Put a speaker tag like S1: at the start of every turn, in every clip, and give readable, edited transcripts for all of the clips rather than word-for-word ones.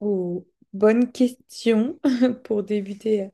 S1: Oh, bonne question pour débuter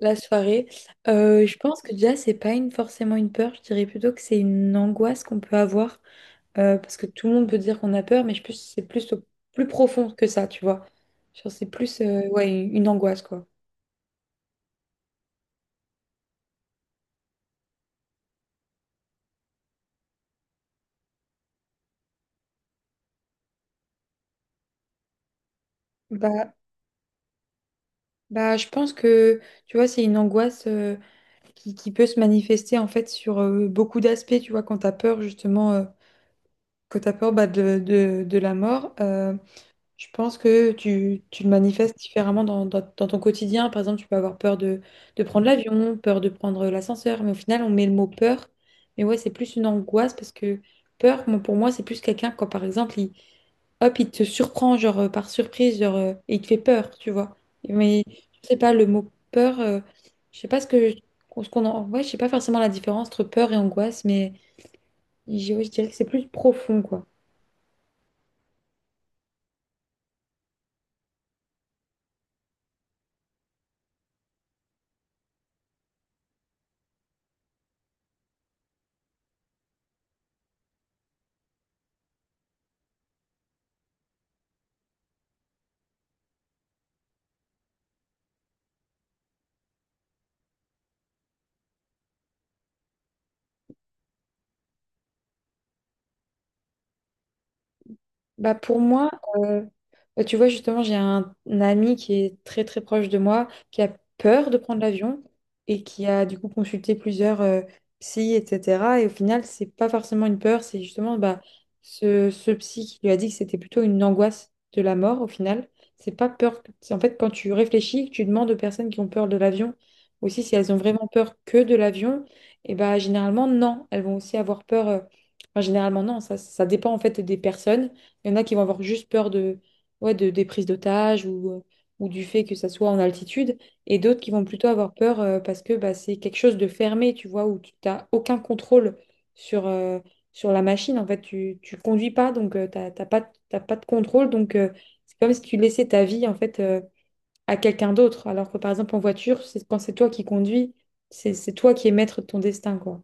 S1: la soirée. Je pense que déjà, c'est pas une, forcément une peur, je dirais plutôt que c'est une angoisse qu'on peut avoir parce que tout le monde peut dire qu'on a peur, mais je pense que c'est plus, plus profond que ça, tu vois. Genre, c'est plus ouais, une angoisse, quoi. Bah, bah, je pense que, tu vois, c'est une angoisse qui peut se manifester en fait sur beaucoup d'aspects, tu vois, quand t'as peur justement, quand t'as peur bah, de la mort. Je pense que tu le manifestes différemment dans, dans ton quotidien. Par exemple, tu peux avoir peur de prendre l'avion, peur de prendre l'ascenseur, mais au final, on met le mot peur. Mais ouais, c'est plus une angoisse parce que peur, moi, pour moi, c'est plus quelqu'un quand, par exemple, il, hop, il te surprend genre, par surprise genre, et il te fait peur, tu vois. Mais je sais pas, le mot peur, je sais pas ce que, ce qu'on en... Ouais, je sais pas forcément la différence entre peur et angoisse, mais je ouais, je dirais que c'est plus profond, quoi. Bah pour moi, euh, bah tu vois, justement, j'ai un ami qui est très très proche de moi, qui a peur de prendre l'avion et qui a du coup consulté plusieurs psys, etc. Et au final, c'est pas forcément une peur, c'est justement bah, ce psy qui lui a dit que c'était plutôt une angoisse de la mort au final. C'est pas peur. C'est En fait, quand tu réfléchis, que tu demandes aux personnes qui ont peur de l'avion aussi si elles ont vraiment peur que de l'avion, et bah généralement, non. Elles vont aussi avoir peur. Enfin, généralement, non. Ça dépend en fait des personnes. Il y en a qui vont avoir juste peur de, ouais, de, des prises d'otages ou du fait que ça soit en altitude. Et d'autres qui vont plutôt avoir peur parce que bah, c'est quelque chose de fermé, tu vois, où tu n'as aucun contrôle sur, sur la machine. En fait, tu ne conduis pas, donc t'as pas, t'as pas de contrôle. Donc, c'est comme si tu laissais ta vie, en fait, à quelqu'un d'autre. Alors que, par exemple, en voiture, c'est quand c'est toi qui conduis, c'est toi qui es maître de ton destin, quoi.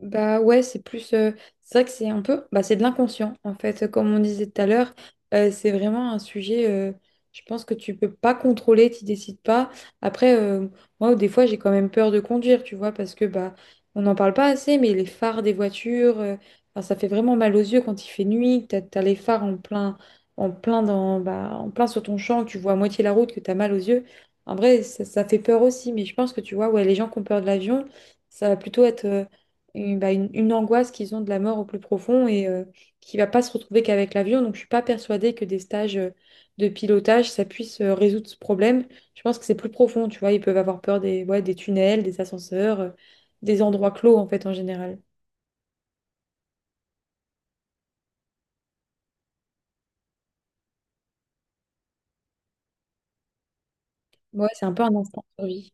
S1: Bah ouais, c'est plus. C'est vrai que c'est un peu. Bah, c'est de l'inconscient, en fait. Comme on disait tout à l'heure, c'est vraiment un sujet. Je pense que tu peux pas contrôler, tu décides pas. Après, moi, des fois, j'ai quand même peur de conduire, tu vois, parce que bah, on n'en parle pas assez, mais les phares des voitures, enfin, ça fait vraiment mal aux yeux quand il fait nuit, que t'as, t'as les phares en plein dans, bah, en plein sur ton champ, que tu vois à moitié la route, que t'as mal aux yeux. En vrai, ça fait peur aussi, mais je pense que tu vois, ouais, les gens qui ont peur de l'avion, ça va plutôt être une, bah, une angoisse qu'ils ont de la mort au plus profond et qui va pas se retrouver qu'avec l'avion. Donc, je suis pas persuadée que des stages de pilotage, ça puisse résoudre ce problème. Je pense que c'est plus profond, tu vois. Ils peuvent avoir peur des, ouais, des tunnels, des ascenseurs, des endroits clos, en fait, en général. Ouais, c'est un peu un instinct de survie.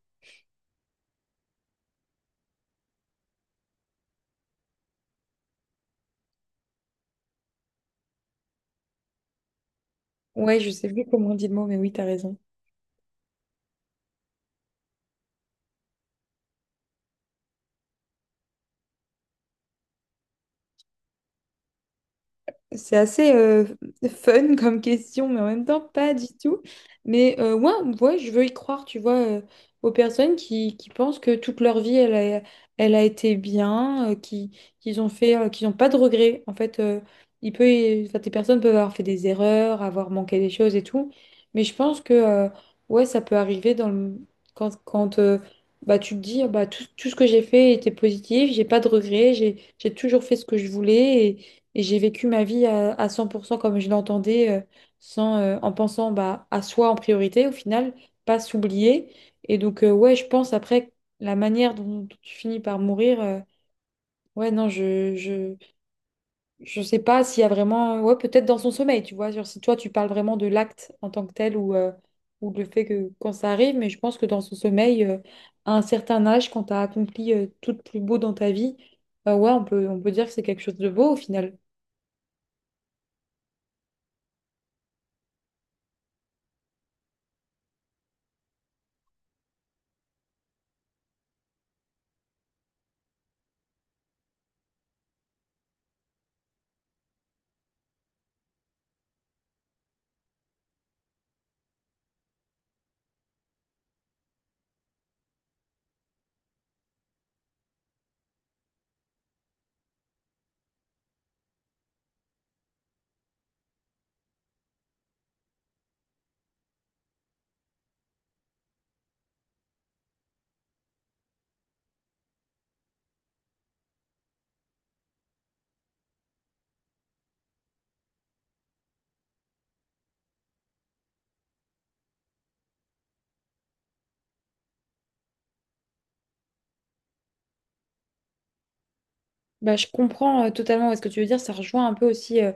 S1: Ouais, je sais plus comment on dit le mot, mais oui, t'as raison. C'est assez fun comme question, mais en même temps pas du tout. Mais ouais, ouais, je veux y croire, tu vois, aux personnes qui pensent que toute leur vie, elle a, elle a été bien, qui, qu'ils ont fait, qu'ils n'ont pas de regrets. En fait, il peut, enfin, des personnes peuvent avoir fait des erreurs, avoir manqué des choses et tout. Mais je pense que ouais, ça peut arriver dans quand, quand bah, tu te dis, ah bah, tout, tout ce que j'ai fait était positif, j'ai pas de regrets, j'ai toujours fait ce que je voulais. Et j'ai vécu ma vie à 100% comme je l'entendais, sans, en pensant bah, à soi en priorité, au final, pas s'oublier. Et donc, ouais, je pense après, la manière dont, dont tu finis par mourir, ouais, non, je sais pas s'il y a vraiment, ouais, peut-être dans son sommeil, tu vois, genre, si toi, tu parles vraiment de l'acte en tant que tel ou le fait que quand ça arrive, mais je pense que dans son sommeil, à un certain âge, quand tu as accompli, tout de plus beau dans ta vie, ouais, on peut dire que c'est quelque chose de beau au final. Bah, je comprends totalement ouais, ce que tu veux dire. Ça rejoint un peu aussi euh,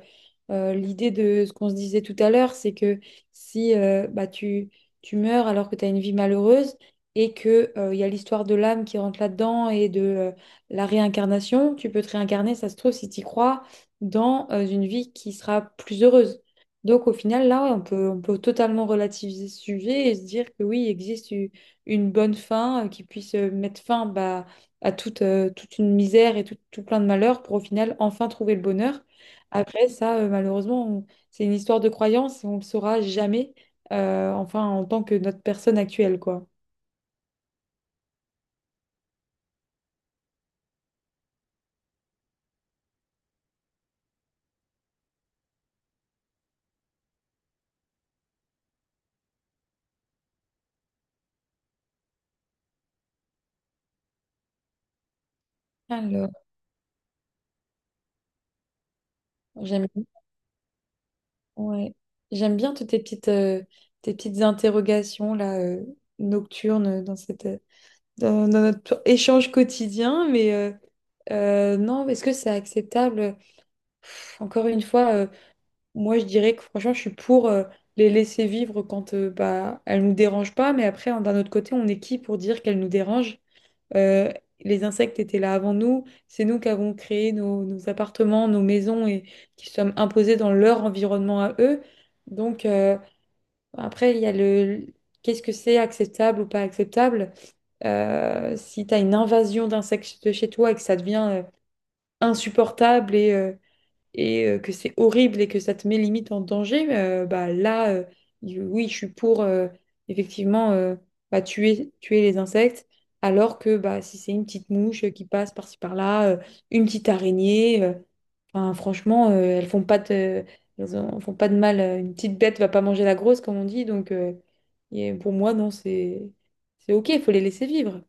S1: euh, l'idée de ce qu'on se disait tout à l'heure, c'est que si bah, tu meurs alors que tu as une vie malheureuse et que il y a l'histoire de l'âme qui rentre là-dedans et de la réincarnation, tu peux te réincarner, ça se trouve, si tu y crois, dans une vie qui sera plus heureuse. Donc au final, là, ouais, on peut totalement relativiser ce sujet et se dire que oui, il existe une bonne fin qui puisse mettre fin bah, à toute, toute une misère et tout, tout plein de malheurs pour au final enfin trouver le bonheur. Après, ça, malheureusement, c'est une histoire de croyance, on ne le saura jamais, enfin, en tant que notre personne actuelle, quoi. Alors, j'aime ouais. J'aime bien toutes tes petites interrogations là, nocturnes dans cette, dans, dans notre échange quotidien, mais euh, non, est-ce que c'est acceptable? Pff, encore une fois, moi je dirais que franchement, je suis pour les laisser vivre quand bah, elles nous dérangent pas, mais après, hein, d'un autre côté, on est qui pour dire qu'elles nous dérangent? Euh, les insectes étaient là avant nous. C'est nous qui avons créé nos, nos appartements, nos maisons et qui sommes imposés dans leur environnement à eux. Donc, après, il y a le qu'est-ce que c'est acceptable ou pas acceptable. Si tu as une invasion d'insectes chez toi et que ça devient insupportable et, et que c'est horrible et que ça te met limite en danger, bah là, oui, je suis pour effectivement bah, tuer les insectes, alors que bah, si c'est une petite mouche qui passe par-ci par-là, une petite araignée, enfin, franchement, elles font pas de, elles en font pas de mal. Une petite bête va pas manger la grosse, comme on dit, donc et pour moi, non, c'est OK, il faut les laisser vivre.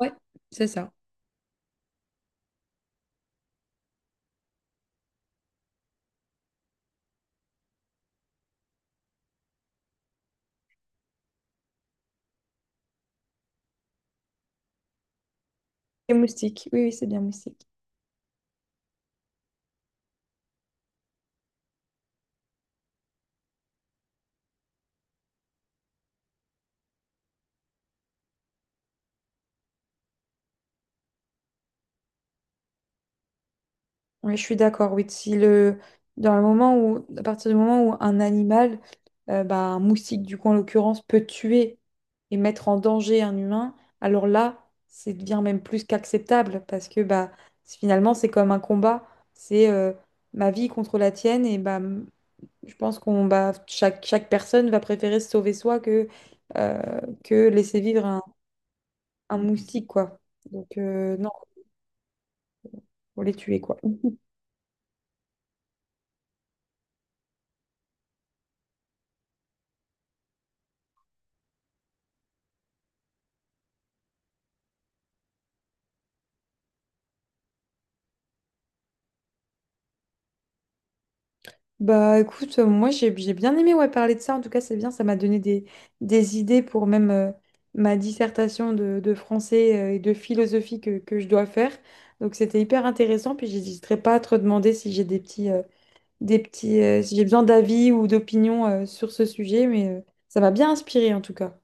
S1: Ouais, c'est ça. Les moustiques, oui, oui, c'est bien moustique. Oui, je suis d'accord. Oui, si le, dans le moment où, à partir du moment où un animal, bah, un moustique du coup en l'occurrence, peut tuer et mettre en danger un humain, alors là, c'est devient même plus qu'acceptable parce que bah finalement c'est comme un combat, c'est ma vie contre la tienne et bah je pense qu'on bah chaque personne va préférer se sauver soi que laisser vivre un moustique quoi. Donc non, faut les tuer quoi. Bah écoute, moi j'ai bien aimé ouais, parler de ça. En tout cas, c'est bien, ça m'a donné des idées pour même ma dissertation de français et de philosophie que je dois faire. Donc c'était hyper intéressant. Puis j'hésiterai pas à te demander si j'ai des petits, si j'ai besoin d'avis ou d'opinion sur ce sujet. Mais ça m'a bien inspiré en tout cas.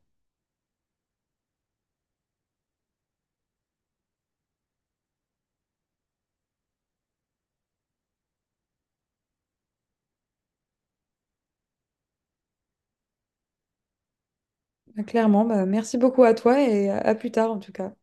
S1: Clairement, bah, merci beaucoup à toi et à plus tard en tout cas.